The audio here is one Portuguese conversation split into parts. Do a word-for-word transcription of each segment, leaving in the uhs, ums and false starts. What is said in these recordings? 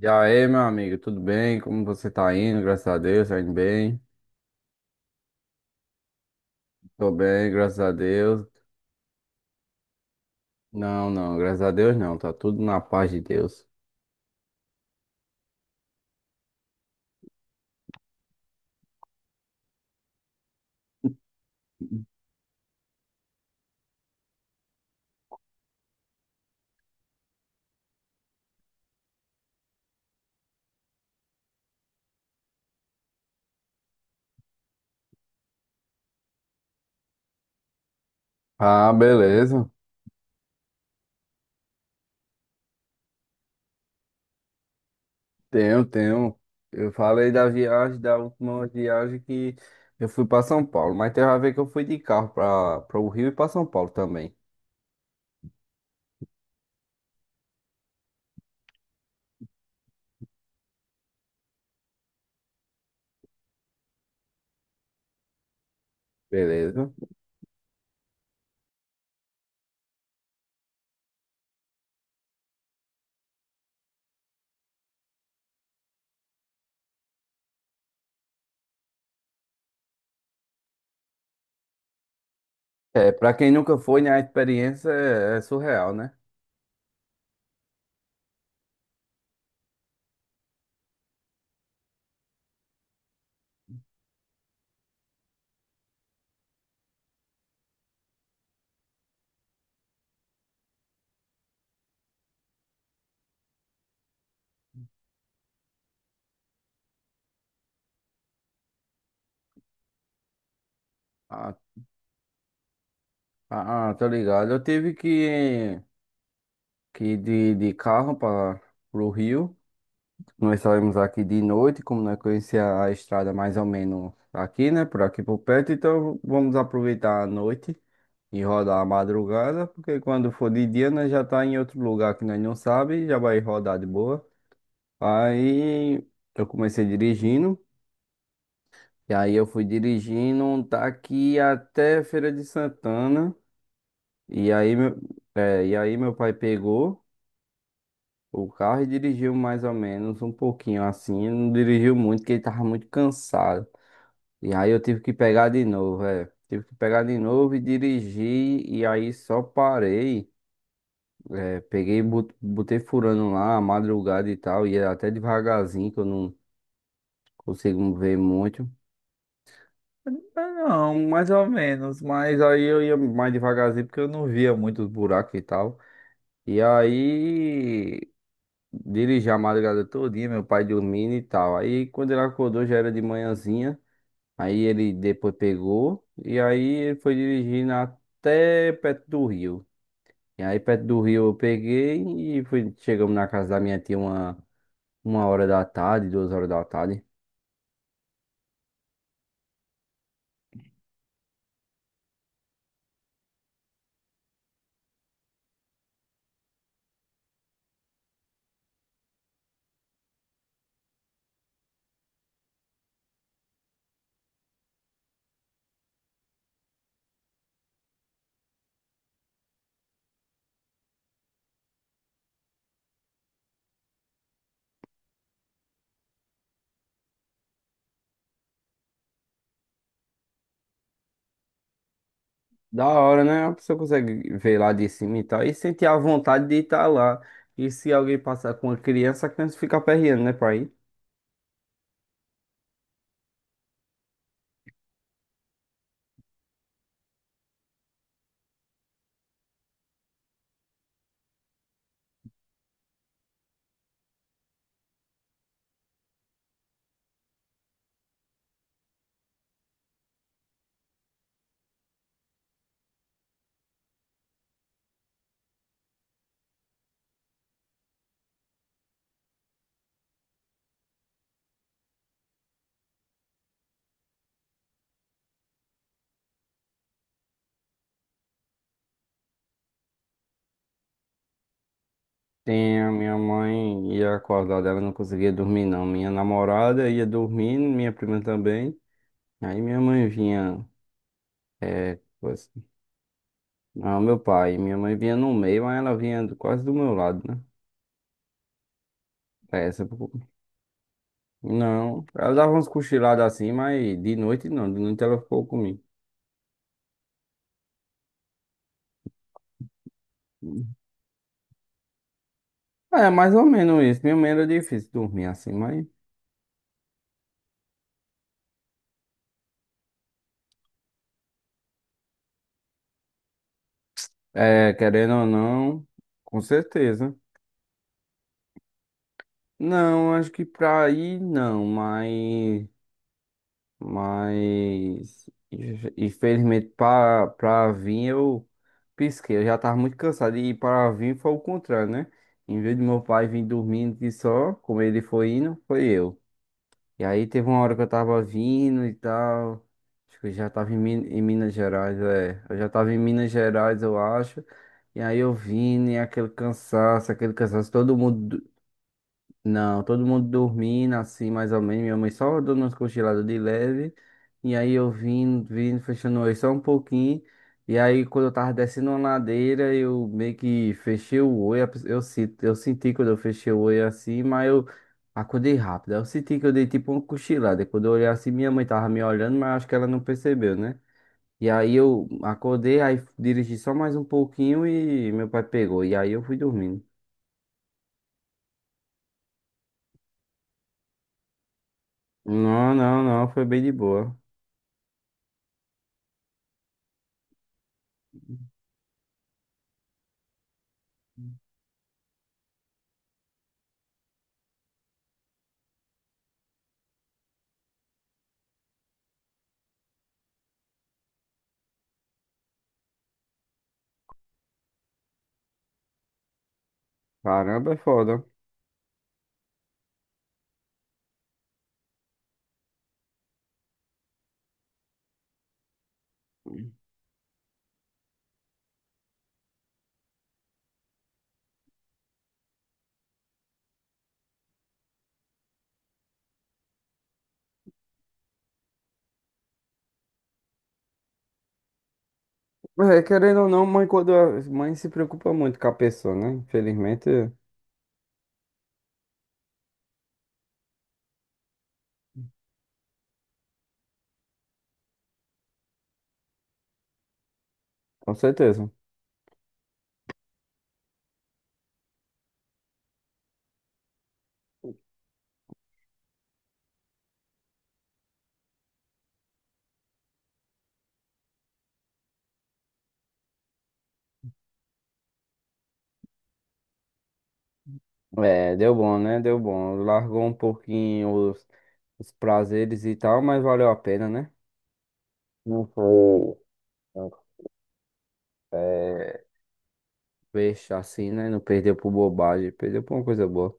E aí, meu amigo, tudo bem? Como você tá indo? Graças a Deus, tá indo bem? Tô bem, graças a Deus. Não, não, graças a Deus não, tá tudo na paz de Deus. Ah, beleza. Tenho, tenho. Eu falei da viagem, da última viagem que eu fui pra São Paulo, mas tem a ver que eu fui de carro pra, pra o Rio e pra São Paulo também. Beleza. É, pra quem nunca foi, né, a experiência é, é surreal, né? Ah, ah, ah, tô ligado. Eu tive que. que de, de carro para o Rio. Nós saímos aqui de noite, como nós conhecia a estrada mais ou menos aqui, né? Por aqui por perto, então vamos aproveitar a noite e rodar a madrugada, porque quando for de dia nós já tá em outro lugar que nós não sabe, já vai rodar de boa. Aí eu comecei dirigindo, e aí eu fui dirigindo daqui até Feira de Santana, e aí meu, é, e aí meu pai pegou o carro e dirigiu mais ou menos um pouquinho assim, não dirigiu muito, porque ele tava muito cansado. E aí eu tive que pegar de novo, é. Tive que pegar de novo e dirigir, e aí só parei. É, peguei, e bot- botei furando lá, a madrugada e tal, ia até devagarzinho, que eu não consigo ver muito. Não, mais ou menos, mas aí eu ia, mais devagarzinho, porque eu não via muito os buracos e tal. E aí, dirigi a madrugada todinha, meu pai dormindo e tal. Aí quando ele acordou já era de manhãzinha. Aí ele depois pegou e aí ele foi dirigindo até perto do rio. E aí perto do rio eu peguei e fui, chegamos na casa da minha tia uma, uma hora da tarde, duas horas da tarde. Da hora, né? A pessoa consegue ver lá de cima e tal. E sentir a vontade de estar lá. E se alguém passar com uma criança, a criança fica aperreando, né, pai? Sim, a minha mãe ia acordar dela, não conseguia dormir não. Minha namorada ia dormindo, minha prima também. Aí minha mãe vinha, é, coisa- não, meu pai, minha mãe vinha no meio, mas ela vinha do- quase do meu lado, né? É, essa, pô. não, ela dava uns cochilados assim, mas de noite não, de noite ela ficou comigo. É, mais ou menos isso, minha mãe era difícil dormir assim, mas, é, querendo ou não, com certeza. Não, acho que pra ir não, mas... Mas inf- infelizmente para para vir eu pisquei. Eu já tava muito cansado e para vir foi o contrário, né? Em vez de meu pai vir dormindo de só, como ele foi indo, foi eu. E aí teve uma hora que eu tava vindo e tal. Acho que eu já tava em, Min- em Minas Gerais, é. Eu já tava em Minas Gerais, eu acho. E aí eu vim e aquele cansaço, aquele cansaço, todo mundo não, todo mundo dormindo, assim, mais ou menos. Minha mãe só dando umas cochiladas de leve. E aí eu vim, vim, fechando o olho só um pouquinho. E aí, quando eu tava descendo uma ladeira, eu meio que fechei o olho. A pe- Eu, se- eu senti quando eu fechei o olho assim, mas eu acordei rápido. Aí eu senti que eu dei tipo uma cochilada. Quando eu olhei assim, minha mãe tava me olhando, mas acho que ela não percebeu, né? E aí eu acordei, aí dirigi só mais um pouquinho e meu pai pegou. E aí eu fui dormindo. Não, não, não, foi bem de boa. Caramba, é foda. É, querendo ou não, mãe, quando a mãe se preocupa muito com a pessoa, né? Infelizmente, com certeza. É, deu bom, né? Deu bom. Largou um pouquinho os, os prazeres e tal, mas valeu a pena, né? Não foi. Não, é, peixe assim, né? Não perdeu por bobagem, perdeu por uma coisa boa.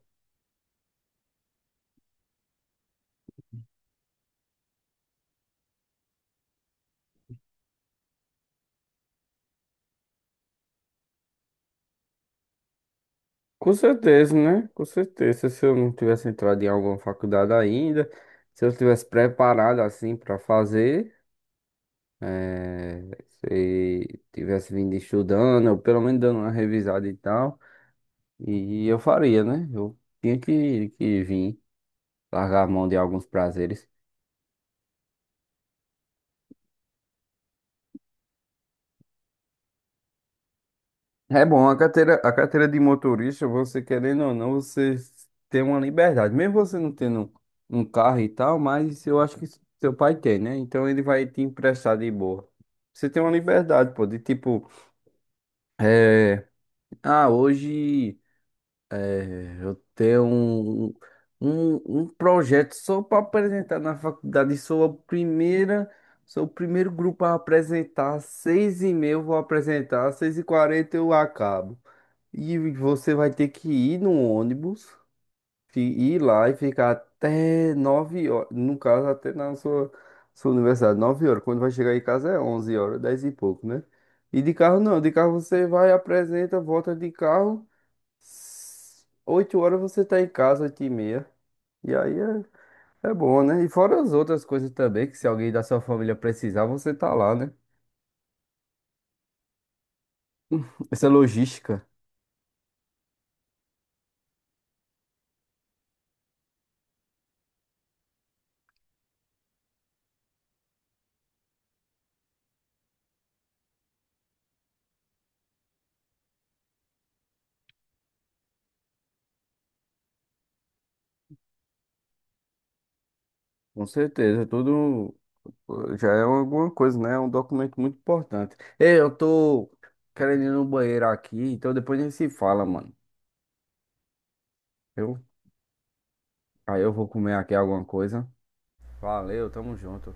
Com certeza, né? Com certeza. Se eu não tivesse entrado em alguma faculdade ainda, se eu tivesse preparado assim pra fazer. eh, se tivesse vindo estudando, ou pelo menos dando uma revisada e tal, e eu faria, né? Eu tinha que, que vir largar a mão de alguns prazeres. É bom, a carteira, a carteira de motorista, você querendo ou não, você tem uma liberdade. Mesmo você não tendo um carro e tal, mas eu acho que seu pai tem, né? Então ele vai te emprestar de boa. Você tem uma liberdade, pô, de tipo, é, ah, hoje. É, eu tenho um, um, um projeto só para apresentar na faculdade. Sou a primeira, sou o primeiro grupo a apresentar. Às seis e meia eu vou apresentar, às seis e quarenta eu acabo. E você vai ter que ir no ônibus, fi- ir lá e ficar até nove horas. No caso, até na sua, sua universidade, nove horas. Quando vai chegar em casa é onze horas, dez e pouco, né? E de carro não, de carro você vai, apresenta, volta de carro. Oito horas você tá em casa, oito e meia. E aí é, é bom, né? E fora as outras coisas também, que se alguém da sua família precisar, você tá lá, né? Essa logística, com certeza, tudo eh, já é alguma coisa, né? É um documento muito importante. Ei, eu tô querendo ir no banheiro aqui, então depois a gente se fala, mano. Eu, aí eu vou comer aqui alguma coisa. Valeu, tamo junto.